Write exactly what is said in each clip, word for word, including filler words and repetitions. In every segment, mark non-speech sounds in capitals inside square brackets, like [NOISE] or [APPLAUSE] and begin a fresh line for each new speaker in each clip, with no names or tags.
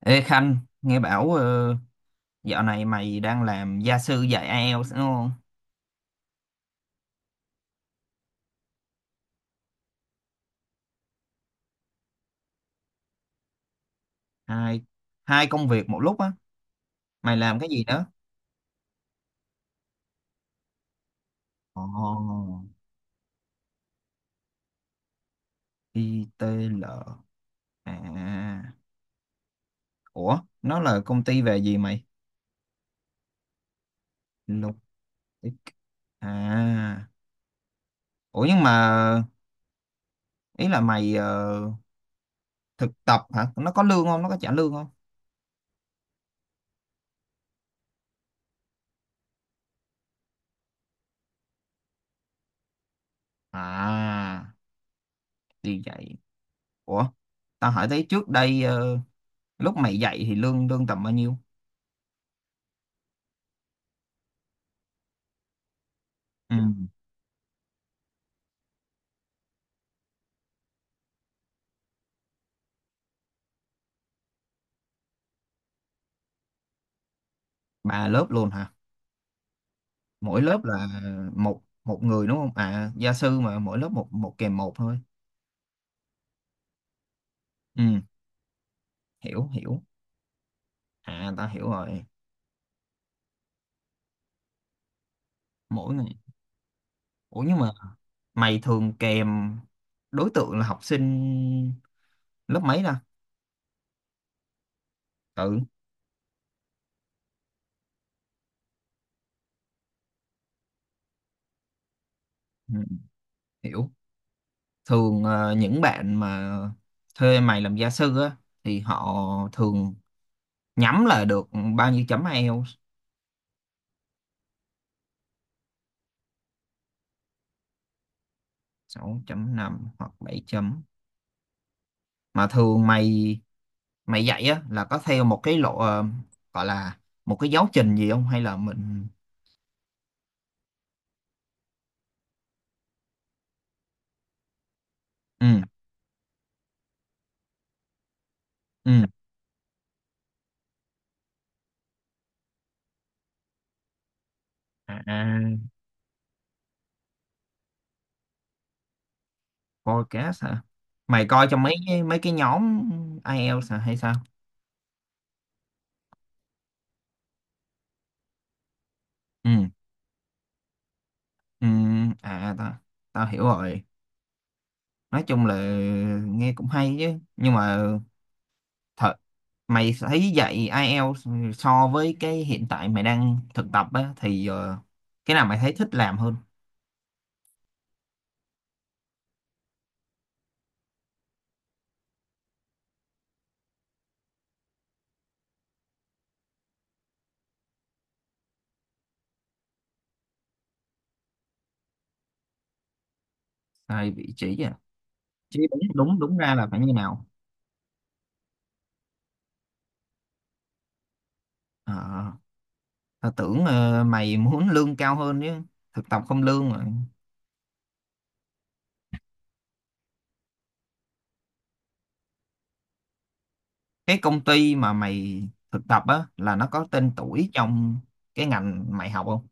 Ê Khanh, nghe bảo ờ, dạo này mày đang làm gia sư dạy ai eo đúng không? Hai, hai công việc một lúc á. Mày làm cái gì đó? Ồ, ai ti eo. À, ủa, nó là công ty về gì mày? Lục. À, ủa nhưng mà ý là mày ờ, thực tập hả? Nó có lương không? Nó có trả lương không? À, đi dạy. Ủa, tao hỏi thấy trước đây ờ, lúc mày dạy thì lương lương tầm bao nhiêu? Ừ, ba lớp luôn hả? Mỗi lớp là một một người đúng không? À, gia sư mà mỗi lớp một một kèm một thôi. Ừ, hiểu hiểu. À, ta hiểu rồi. Mỗi ngày. Ủa nhưng mà mày thường kèm đối tượng là học sinh lớp mấy ta? Ừ, ừ, hiểu. Thường ờ, những bạn mà thuê mày làm gia sư á thì họ thường nhắm là được bao nhiêu chấm ai eo? Sáu chấm năm hoặc bảy chấm. Mà thường mày mày dạy á là có theo một cái lộ, ờ, gọi là một cái giáo trình gì không hay là mình. Ừ, ừ. À, à. Podcast hả? Mày coi trong mấy cái- mấy cái nhóm ai IELTS hả hay sao? Ừ, ừ. À, tao tao hiểu rồi. Nói chung là nghe cũng hay chứ nhưng mà thật, mày thấy dạy ai IELTS so với cái hiện tại mày đang thực tập á thì ờ, cái nào mày thấy thích làm hơn? Tại vị trí à? Chứ đúng, đúng đúng ra là phải như nào? Ờ, tao tưởng ờ, mày muốn lương cao hơn chứ. Thực tập không lương mà. Cái công ty mà mày thực tập á là nó có tên tuổi trong cái ngành mày học không?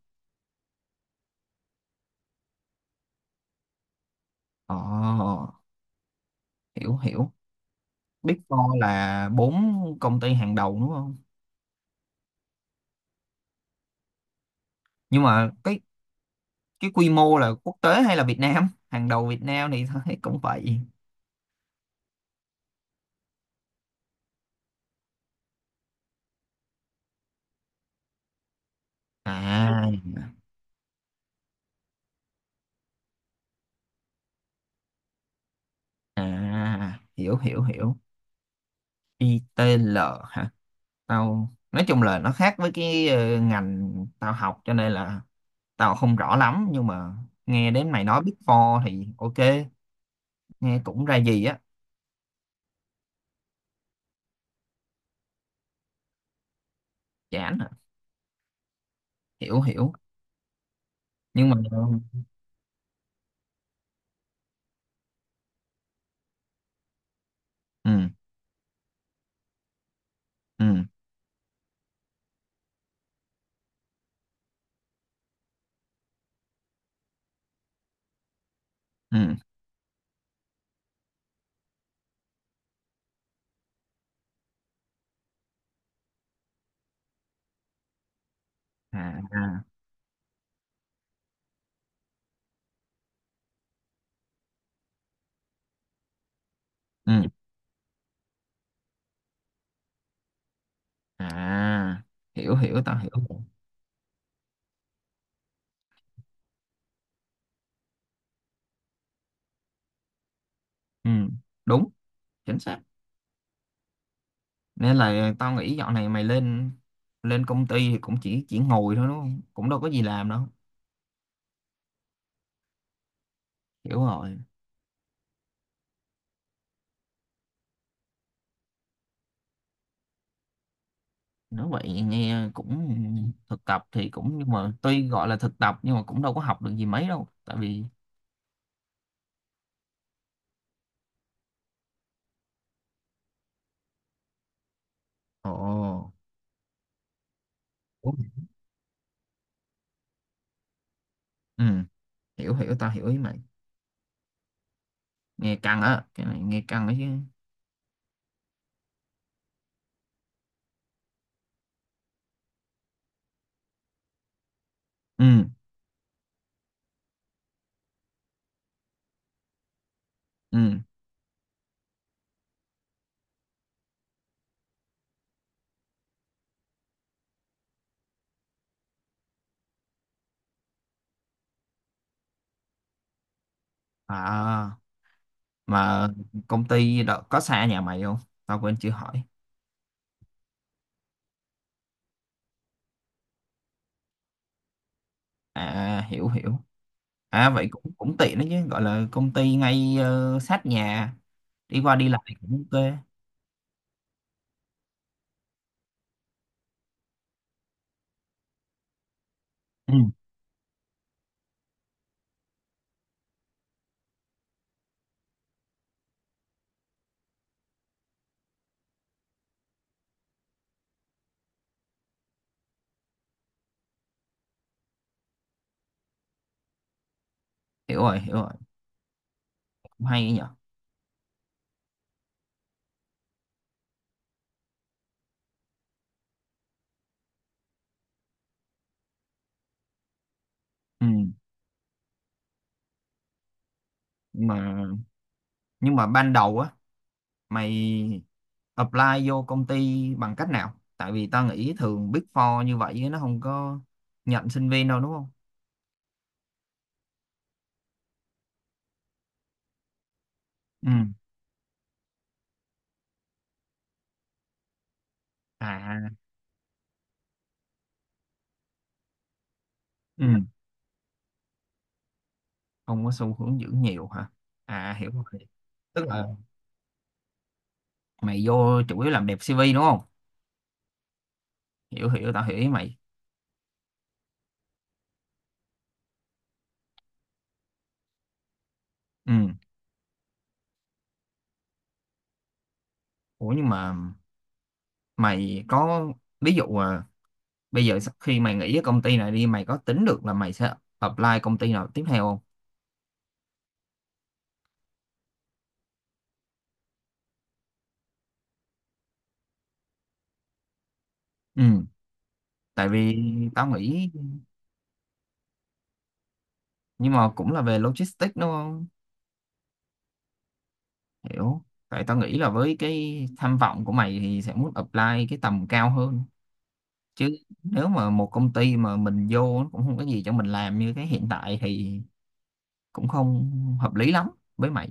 Ồ, hiểu hiểu. Big Four là bốn công ty hàng đầu đúng không? Nhưng mà cái cái quy mô là quốc tế hay là Việt Nam? Hàng đầu Việt Nam thì tao thấy [LAUGHS] cũng vậy. À, à, hiểu hiểu hiểu. I ITL hả? Tao nói chung là nó khác với cái ờ, ngành tao học cho nên là tao không rõ lắm nhưng mà nghe đến mày nói Big Four thì ok. Nghe cũng ra gì á. Chán à. Hiểu hiểu. Nhưng mà. Ừ, ừ, ừ. À, à. Ừ. À, hiểu hiểu, tao hiểu rồi. Ừ, đúng, chính xác. Nên là tao nghĩ dạo này mày lên lên công ty thì cũng chỉ chỉ ngồi thôi đúng không, cũng đâu có gì làm đâu. Hiểu rồi. Nói vậy nghe cũng, thực tập thì cũng, nhưng mà tuy gọi là thực tập nhưng mà cũng đâu có học được gì mấy đâu tại vì. Ồ. Ừ, hiểu hiểu, tao hiểu ý mày. Nghe căng á, cái này nghe căng ấy chứ. Ừ, ừ, à. Mà công ty đó có xa nhà mày không? Tao quên chưa hỏi. À, hiểu hiểu. À vậy cũng cũng tiện đấy chứ, gọi là công ty ngay ờ, sát nhà. Đi qua đi lại cũng ok. Ừ, hiểu rồi, hiểu rồi. Cũng hay ấy nhở. Ừ. nhưng mà nhưng mà ban đầu á, mày apply vô công ty bằng cách nào, tại vì tao nghĩ thường Big Four như vậy nó không có nhận sinh viên đâu đúng không? Ừ, à. Ừ, không có xu hướng giữ nhiều hả? À, hiểu rồi. Tức là mày vô chủ yếu làm đẹp xê vê đúng không? Hiểu hiểu, tao hiểu ý mày. Ừ. Ủa nhưng mà mày có ví dụ à, bây giờ sau khi mày nghỉ ở công ty này đi, mày có tính được là mày sẽ apply công ty nào tiếp theo không? Ừ, tại vì tao nghĩ. Nhưng mà cũng là về logistics đúng không? Hiểu. Tại tao nghĩ là với cái tham vọng của mày thì sẽ muốn apply cái tầm cao hơn chứ. Nếu mà một công ty mà mình vô nó cũng không có gì cho mình làm như cái hiện tại thì cũng không hợp lý lắm với mày.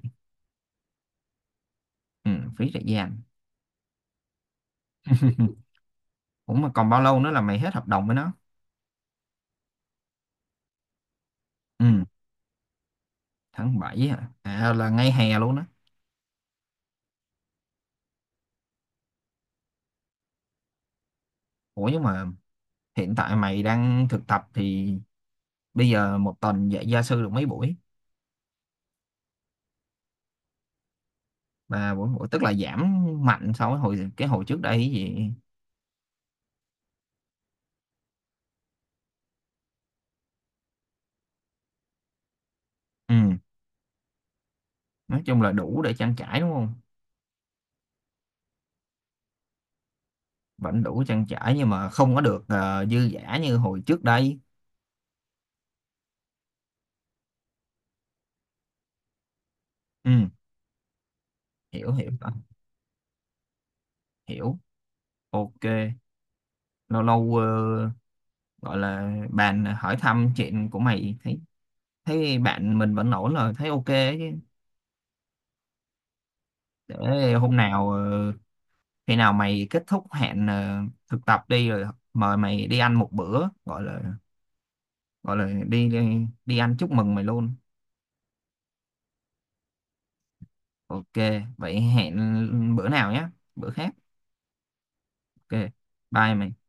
Ừ, phí thời gian. [LAUGHS] Cũng mà còn bao lâu nữa là mày hết hợp đồng với nó? Ừ, tháng bảy hả? À, là ngay hè luôn á. Ủa nhưng mà hiện tại mày đang thực tập thì bây giờ một tuần dạy gia sư được mấy buổi? Và buổi, buổi tức là giảm mạnh so với hồi cái hồi trước đây cái gì. Ừ, nói chung là đủ để trang trải đúng không? Vẫn đủ trang trải nhưng mà không có được ờ, dư dả như hồi trước đây. Ừ, hiểu hiểu rồi, hiểu. Ok, lâu lâu ờ, gọi là bạn hỏi thăm chuyện của mày, thấy thấy bạn mình vẫn ổn rồi, thấy ok ấy chứ. Để hôm nào, ờ, khi nào mày kết thúc hẹn ờ, thực tập đi rồi mời mày đi ăn một bữa, gọi là gọi là đi đi, đi ăn chúc mừng mày luôn. Ok, vậy hẹn bữa nào nhé, bữa khác. Ok. Bye mày.